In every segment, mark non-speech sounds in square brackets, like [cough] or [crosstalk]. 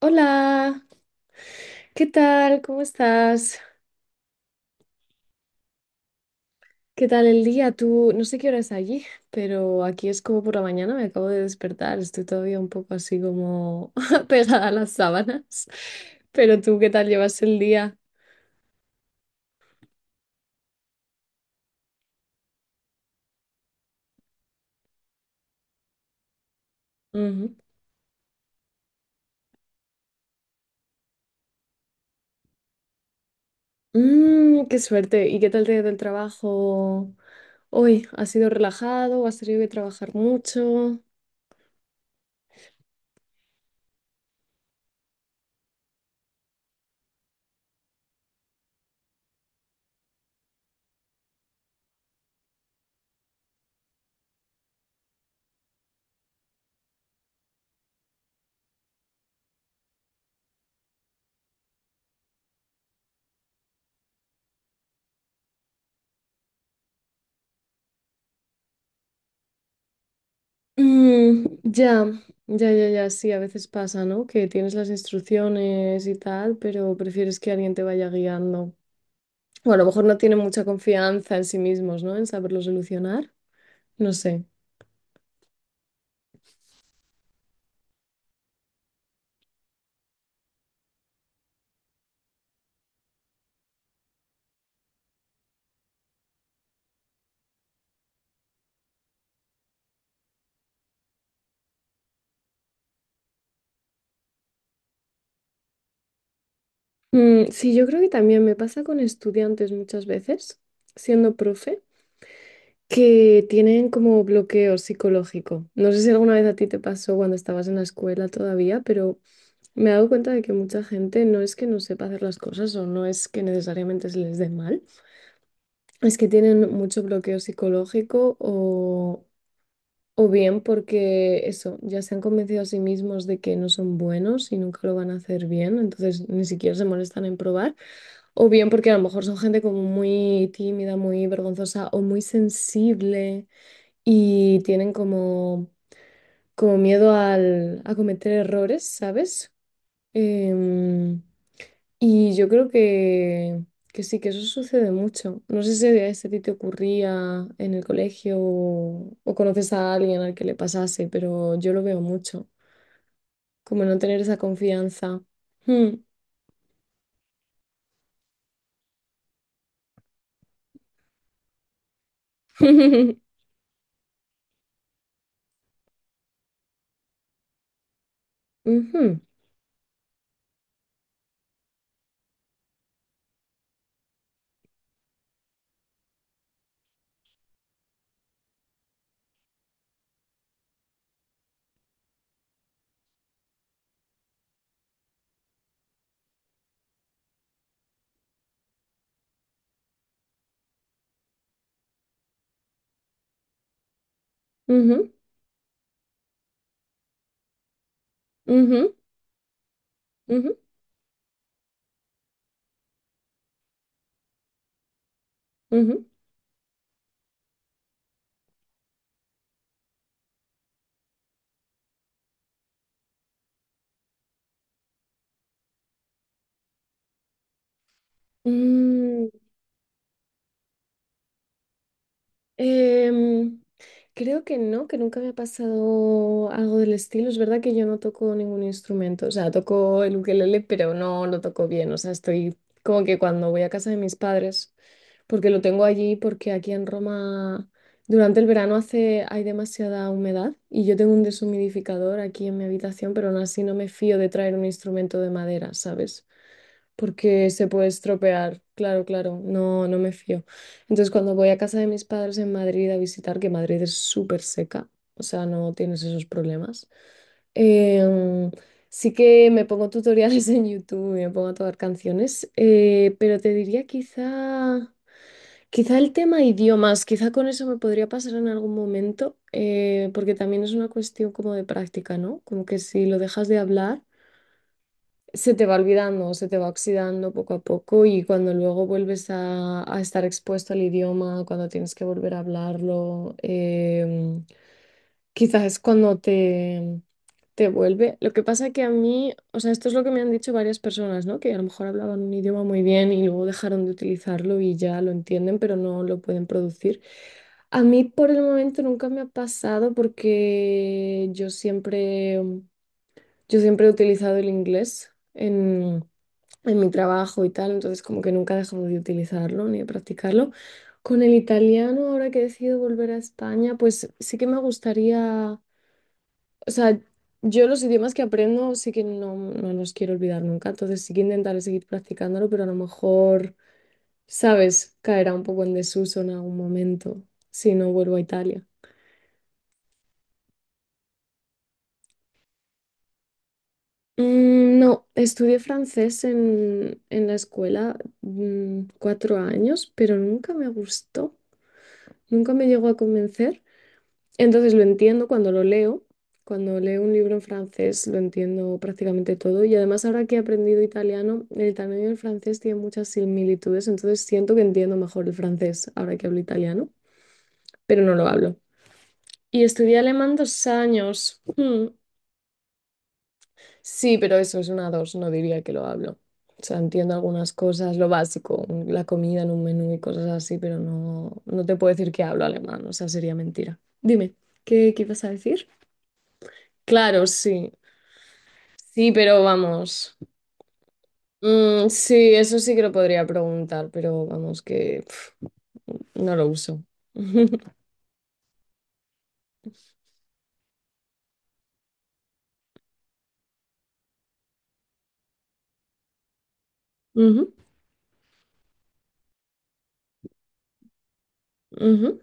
Hola, ¿qué tal? ¿Cómo estás? ¿Qué tal el día? Tú, no sé qué hora es allí, pero aquí es como por la mañana, me acabo de despertar, estoy todavía un poco así como [laughs] pegada a las sábanas. Pero tú, ¿qué tal llevas el día? Ujú. Qué suerte. ¿Y qué tal te ha ido el trabajo hoy? ¿Has sido relajado o has tenido que trabajar mucho? Mm, ya, ya, ya, ya, sí, a veces pasa, ¿no? Que tienes las instrucciones y tal, pero prefieres que alguien te vaya guiando. O a lo mejor no tienen mucha confianza en sí mismos, ¿no? En saberlo solucionar. No sé. Sí, yo creo que también me pasa con estudiantes muchas veces, siendo profe, que tienen como bloqueo psicológico. No sé si alguna vez a ti te pasó cuando estabas en la escuela todavía, pero me he dado cuenta de que mucha gente no es que no sepa hacer las cosas o no es que necesariamente se les dé mal. Es que tienen mucho bloqueo psicológico o bien porque eso, ya se han convencido a sí mismos de que no son buenos y nunca lo van a hacer bien, entonces ni siquiera se molestan en probar, o bien porque a lo mejor son gente como muy tímida, muy vergonzosa o muy sensible y tienen como miedo a cometer errores, ¿sabes? Em, y yo creo que sí, que eso sucede mucho. No sé si a si a ti te ocurría en el colegio o conoces a alguien al que le pasase, pero yo lo veo mucho, como no tener esa confianza. Hmm. [laughs] Ujú, ujú, ujú, ujú, ujú. Mm, Em, creo que no, que nunca me ha pasado algo del estilo. Es verdad que yo no toco ningún instrumento, o sea, toco el ukelele, pero no lo toco bien. O sea, estoy como que cuando voy a casa de mis padres, porque lo tengo allí, porque aquí en Roma durante el verano hay demasiada humedad y yo tengo un deshumidificador aquí en mi habitación, pero aún así no me fío de traer un instrumento de madera, ¿sabes? Porque se puede estropear. Claro, claro, no me fío. Entonces, cuando voy a casa de mis padres en Madrid a visitar, que Madrid es súper seca, o sea, no tienes esos problemas, em, sí que me pongo tutoriales [laughs] en YouTube y me pongo a tocar canciones, pero te diría quizá el tema idiomas, quizá con eso me podría pasar en algún momento, porque también es una cuestión como de práctica, ¿no? Como que si lo dejas de hablar se te va olvidando, se te va oxidando poco a poco y cuando luego vuelves a estar expuesto al idioma, cuando tienes que volver a hablarlo, em, quizás es cuando te vuelve. Lo que pasa que a mí, o sea, esto es lo que me han dicho varias personas, ¿no? Que a lo mejor hablaban un idioma muy bien y luego dejaron de utilizarlo y ya lo entienden, pero no lo pueden producir. A mí por el momento nunca me ha pasado porque yo siempre he utilizado el inglés en mi trabajo y tal, entonces como que nunca he dejado de utilizarlo ni de practicarlo. Con el italiano, ahora que he decidido volver a España, pues sí que me gustaría, o sea, yo los idiomas que aprendo sí que no los quiero olvidar nunca, entonces sí que intentaré seguir practicándolo, pero a lo mejor, sabes, caerá un poco en desuso en algún momento si no vuelvo a Italia. No, estudié francés en la escuela 4 años, pero nunca me gustó, nunca me llegó a convencer. Entonces lo entiendo cuando lo leo, cuando leo un libro en francés lo entiendo prácticamente todo y además ahora que he aprendido italiano, el italiano y el francés tienen muchas similitudes, entonces siento que entiendo mejor el francés ahora que hablo italiano, pero no lo hablo. Y estudié alemán 2 años. Mm. Sí, pero eso es una dos, no diría que lo hablo. O sea, entiendo algunas cosas, lo básico, la comida en un menú y cosas así, pero no te puedo decir que hablo alemán, o sea, sería mentira. Dime, qué ibas a decir? Claro, sí. Sí, pero vamos. Sí, eso sí que lo podría preguntar, pero vamos que pf, no lo uso. [laughs] Ujú, ujú.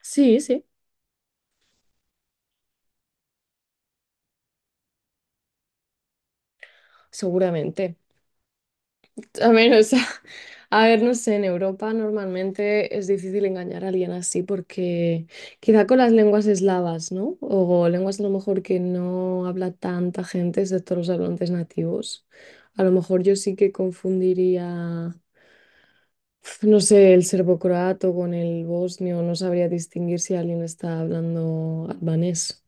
Sí, sí, seguramente. A ver, o sea, [laughs] a ver, no sé, en Europa normalmente es difícil engañar a alguien así porque quizá con las lenguas eslavas, ¿no? O lenguas a lo mejor que no habla tanta gente, excepto los hablantes nativos. A lo mejor yo sí que confundiría. No sé, el serbocroato con el bosnio, no sabría distinguir si alguien está hablando albanés.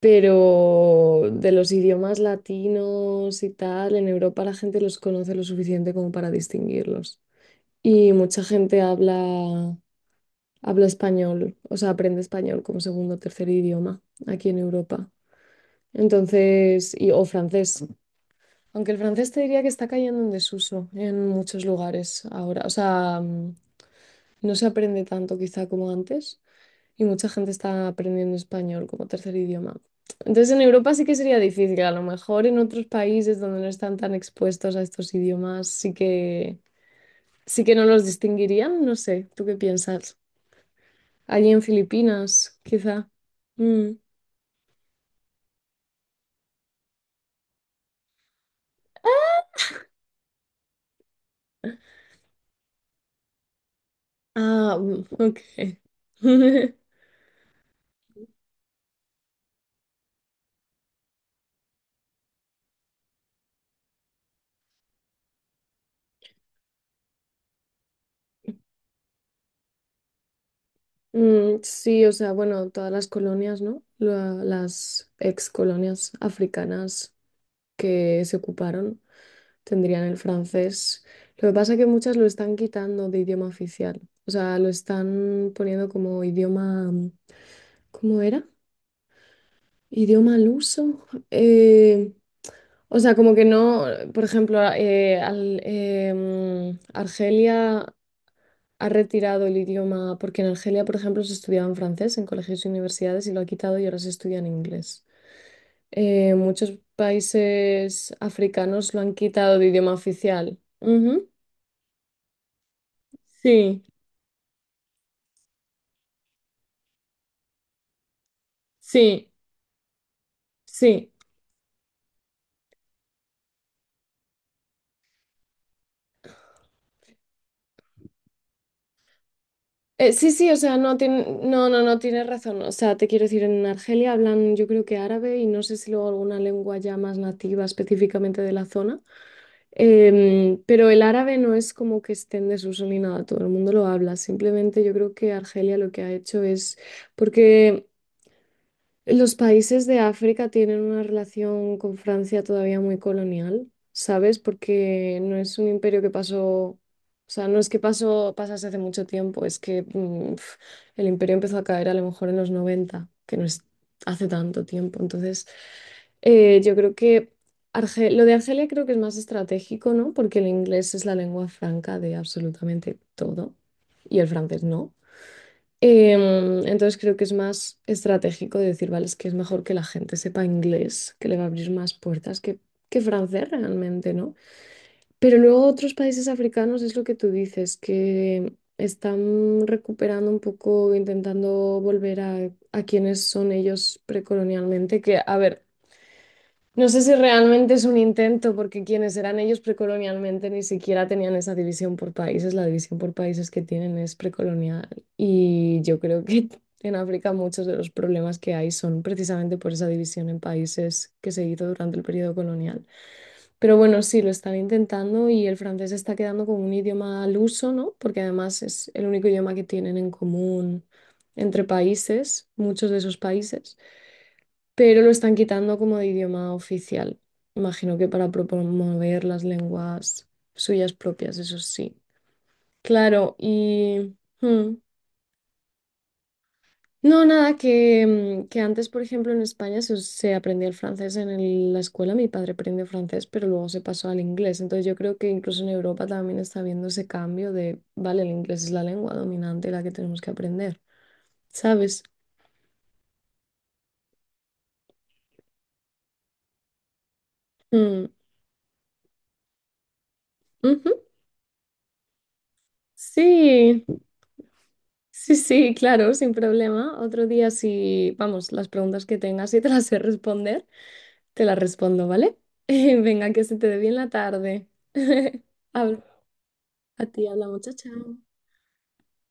Pero de los idiomas latinos y tal, en Europa la gente los conoce lo suficiente como para distinguirlos. Y mucha gente habla español, o sea, aprende español como segundo o tercer idioma aquí en Europa. O francés. Aunque el francés te diría que está cayendo en desuso en muchos lugares ahora. O sea, no se aprende tanto quizá como antes y mucha gente está aprendiendo español como tercer idioma. Entonces en Europa sí que sería difícil, a lo mejor en otros países donde no están tan expuestos a estos idiomas sí que no los distinguirían, no sé, ¿tú qué piensas? Allí en Filipinas, quizá. Mm. Ah, mm, ok. [laughs] Sí, o sea, bueno, todas las colonias, ¿no? Las ex colonias africanas que se ocuparon tendrían el francés. Lo que pasa es que muchas lo están quitando de idioma oficial. O sea, lo están poniendo como idioma, ¿cómo era? Idioma al uso. O sea, como que no, por ejemplo, Argelia ha retirado el idioma, porque en Argelia, por ejemplo, se estudiaba en francés en colegios y universidades y lo ha quitado y ahora se estudia en inglés. Muchos países africanos lo han quitado de idioma oficial. Ujú. Sí. Sí, sí. Sí, sí, o sea, no tienes razón. O sea, te quiero decir, en Argelia hablan yo creo que árabe y no sé si luego alguna lengua ya más nativa específicamente de la zona. Pero el árabe no es como que esté en desuso ni nada, todo el mundo lo habla. Simplemente yo creo que Argelia lo que ha hecho es porque los países de África tienen una relación con Francia todavía muy colonial, ¿sabes? Porque no es un imperio que pasó, o sea, no es que pasase hace mucho tiempo, es que el imperio empezó a caer a lo mejor en los 90, que no es hace tanto tiempo. Entonces, yo creo que lo de Argelia creo que es más estratégico, ¿no? Porque el inglés es la lengua franca de absolutamente todo y el francés no. Entonces creo que es más estratégico de decir, vale, es que es mejor que la gente sepa inglés, que le va a abrir más puertas que francés realmente, ¿no? Pero luego otros países africanos es lo que tú dices, que están recuperando un poco, intentando volver a quienes son ellos precolonialmente, que a ver, no sé si realmente es un intento, porque quienes eran ellos precolonialmente ni siquiera tenían esa división por países. La división por países que tienen es precolonial. Y yo creo que [laughs] en África muchos de los problemas que hay son precisamente por esa división en países que se hizo durante el periodo colonial. Pero bueno, sí, lo están intentando y el francés está quedando como un idioma al uso, ¿no? Porque además es el único idioma que tienen en común entre países, muchos de esos países, pero lo están quitando como de idioma oficial. Imagino que para promover las lenguas suyas propias, eso sí. Claro, y hmm. No, nada, que, que antes, por ejemplo, en España se aprendía el francés en la escuela, mi padre aprendió francés, pero luego se pasó al inglés. Entonces yo creo que incluso en Europa también está habiendo ese cambio de, vale, el inglés es la lengua dominante, la que tenemos que aprender, ¿sabes? Mm, ujú. Sí, sí, sí, claro, sin problema. Otro día, si, vamos, las preguntas que tengas y te las sé responder, te las respondo, ¿vale? [laughs] Venga, que se te dé bien la tarde. [laughs] Habla- A ti, habla muchacha.